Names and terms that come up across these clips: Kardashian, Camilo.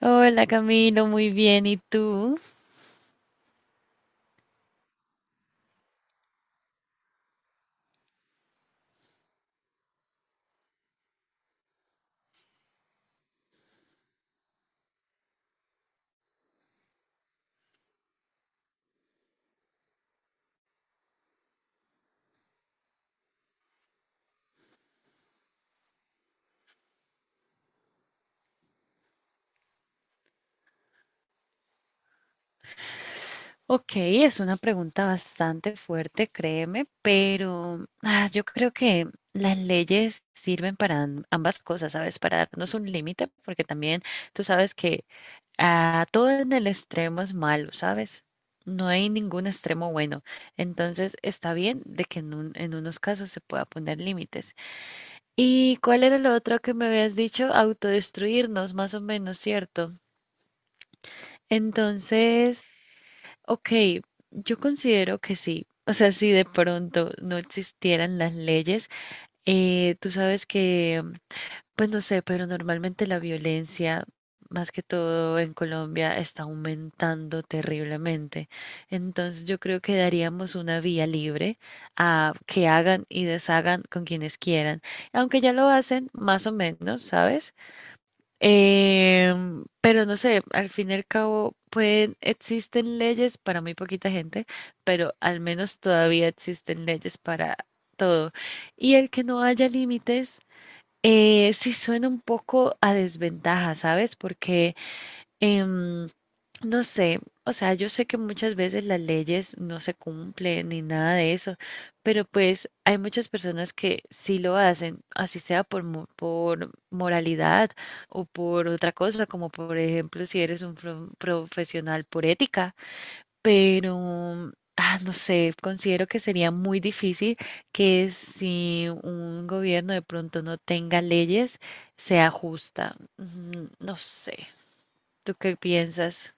Hola Camilo, muy bien. ¿Y tú? Ok, es una pregunta bastante fuerte, créeme, pero yo creo que las leyes sirven para ambas cosas, ¿sabes? Para darnos un límite, porque también tú sabes que todo en el extremo es malo, ¿sabes? No hay ningún extremo bueno. Entonces está bien de que en unos casos se pueda poner límites. ¿Y cuál era lo otro que me habías dicho? Autodestruirnos, más o menos, ¿cierto? Entonces, ok, yo considero que sí. O sea, si de pronto no existieran las leyes, tú sabes que, pues no sé, pero normalmente la violencia, más que todo en Colombia, está aumentando terriblemente. Entonces, yo creo que daríamos una vía libre a que hagan y deshagan con quienes quieran. Aunque ya lo hacen, más o menos, ¿sabes? Pero no sé, al fin y al cabo pueden, existen leyes para muy poquita gente, pero al menos todavía existen leyes para todo. Y el que no haya límites, sí suena un poco a desventaja, ¿sabes? Porque em, no sé, o sea, yo sé que muchas veces las leyes no se cumplen ni nada de eso, pero pues hay muchas personas que sí lo hacen, así sea por, por moralidad o por otra cosa, como por ejemplo si eres un profesional por ética, pero... No sé, considero que sería muy difícil que si un gobierno de pronto no tenga leyes, sea justa. No sé. ¿Tú qué piensas?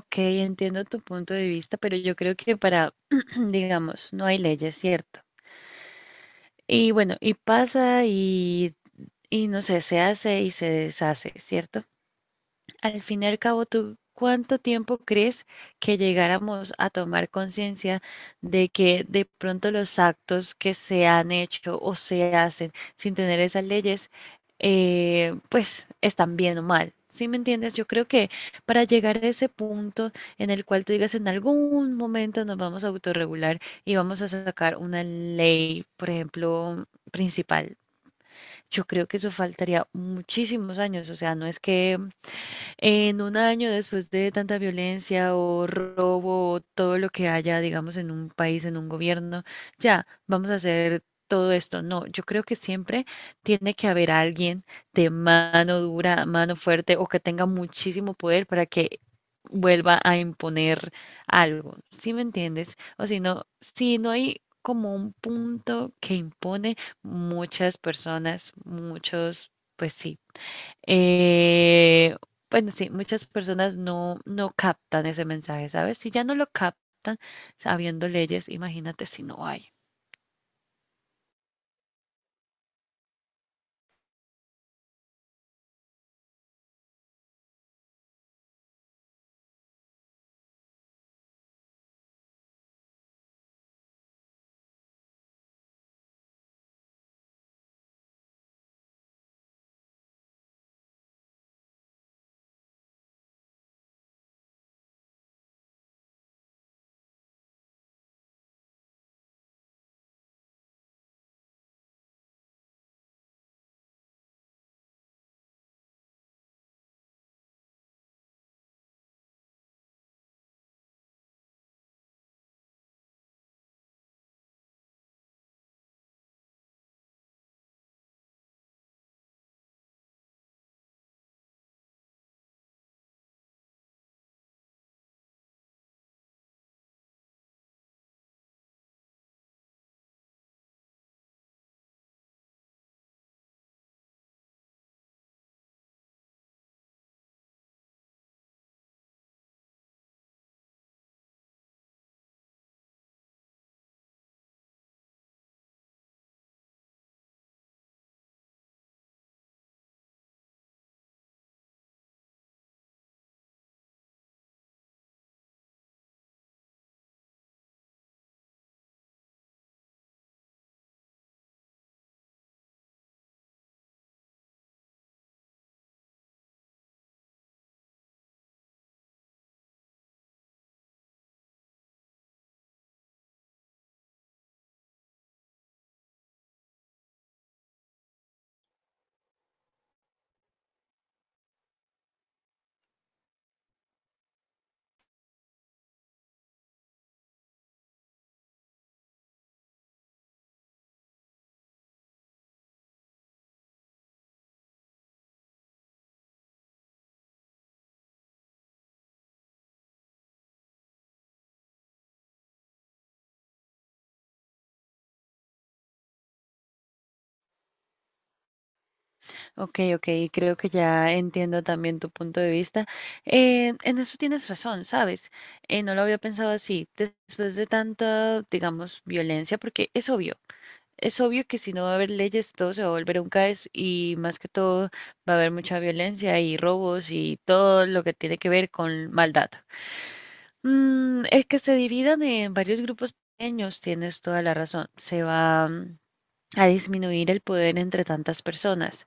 Ok, entiendo tu punto de vista, pero yo creo que para, digamos, no hay leyes, ¿cierto? Y bueno, y pasa y no sé, se hace y se deshace, ¿cierto? Al fin y al cabo, ¿tú cuánto tiempo crees que llegáramos a tomar conciencia de que de pronto los actos que se han hecho o se hacen sin tener esas leyes, pues están bien o mal? ¿Sí me entiendes? Yo creo que para llegar a ese punto en el cual tú digas en algún momento nos vamos a autorregular y vamos a sacar una ley, por ejemplo, principal, yo creo que eso faltaría muchísimos años. O sea, no es que en un año después de tanta violencia o robo o todo lo que haya, digamos, en un país, en un gobierno, ya, vamos a hacer todo esto. No, yo creo que siempre tiene que haber alguien de mano dura, mano fuerte o que tenga muchísimo poder para que vuelva a imponer algo. ¿Sí me entiendes? O si no, si no hay como un punto que impone muchas personas, muchos, pues sí eh, bueno, sí, muchas personas no, no captan ese mensaje, ¿sabes? Si ya no lo captan sabiendo leyes, imagínate si no hay. Ok, ok, creo que ya entiendo también tu punto de vista. En eso tienes razón, ¿sabes? No lo había pensado así. Después de tanta, digamos, violencia, porque es obvio. Es obvio que si no va a haber leyes, todo se va a volver un caos y más que todo va a haber mucha violencia y robos y todo lo que tiene que ver con maldad. El que se dividan en varios grupos pequeños, tienes toda la razón. Se va a disminuir el poder entre tantas personas.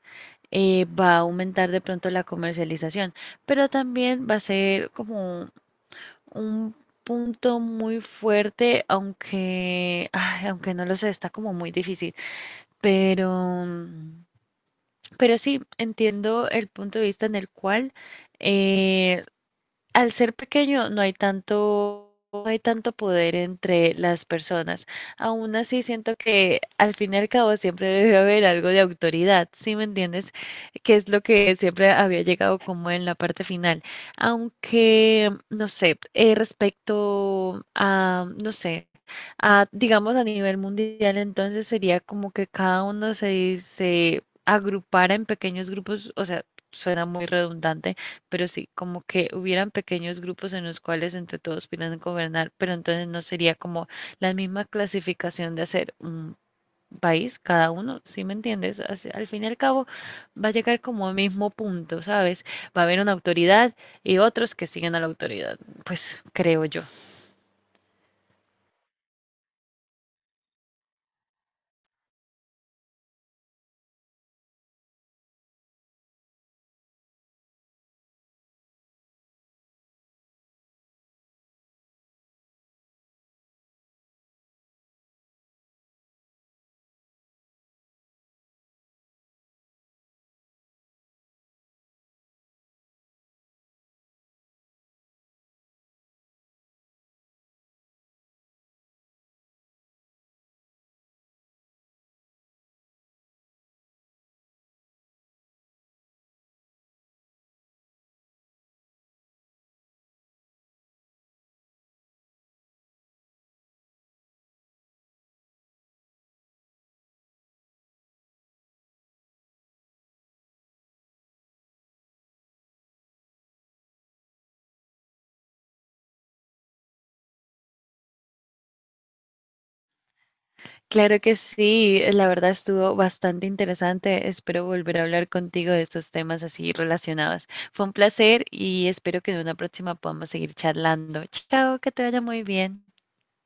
Va a aumentar de pronto la comercialización, pero también va a ser como un punto muy fuerte, aunque, ay, aunque no lo sé, está como muy difícil. Pero, mm, pero sí, entiendo el punto de vista en el cual eh, al ser pequeño no hay tanto, no hay tanto poder entre las personas. Aún así siento que al fin y al cabo siempre debe haber algo de autoridad, ¿sí me entiendes? Que es lo que siempre había llegado como en la parte final. Aunque, no sé, respecto a, no sé. A, digamos a nivel mundial, entonces sería como que cada uno se, se agrupara en pequeños grupos, o sea, suena muy redundante, pero sí, como que hubieran pequeños grupos en los cuales entre todos pudieran gobernar, pero entonces no sería como la misma clasificación de hacer un país, cada uno, ¿sí me entiendes? Así- Al fin y al cabo va a llegar como al mismo punto, ¿sabes? Va a haber una autoridad y otros que siguen a la autoridad, pues creo yo. Claro que sí, la verdad estuvo bastante interesante. Espero volver a hablar contigo de estos temas así relacionados. Fue un placer y espero que en una próxima podamos seguir charlando. Chao, que te vaya muy bien.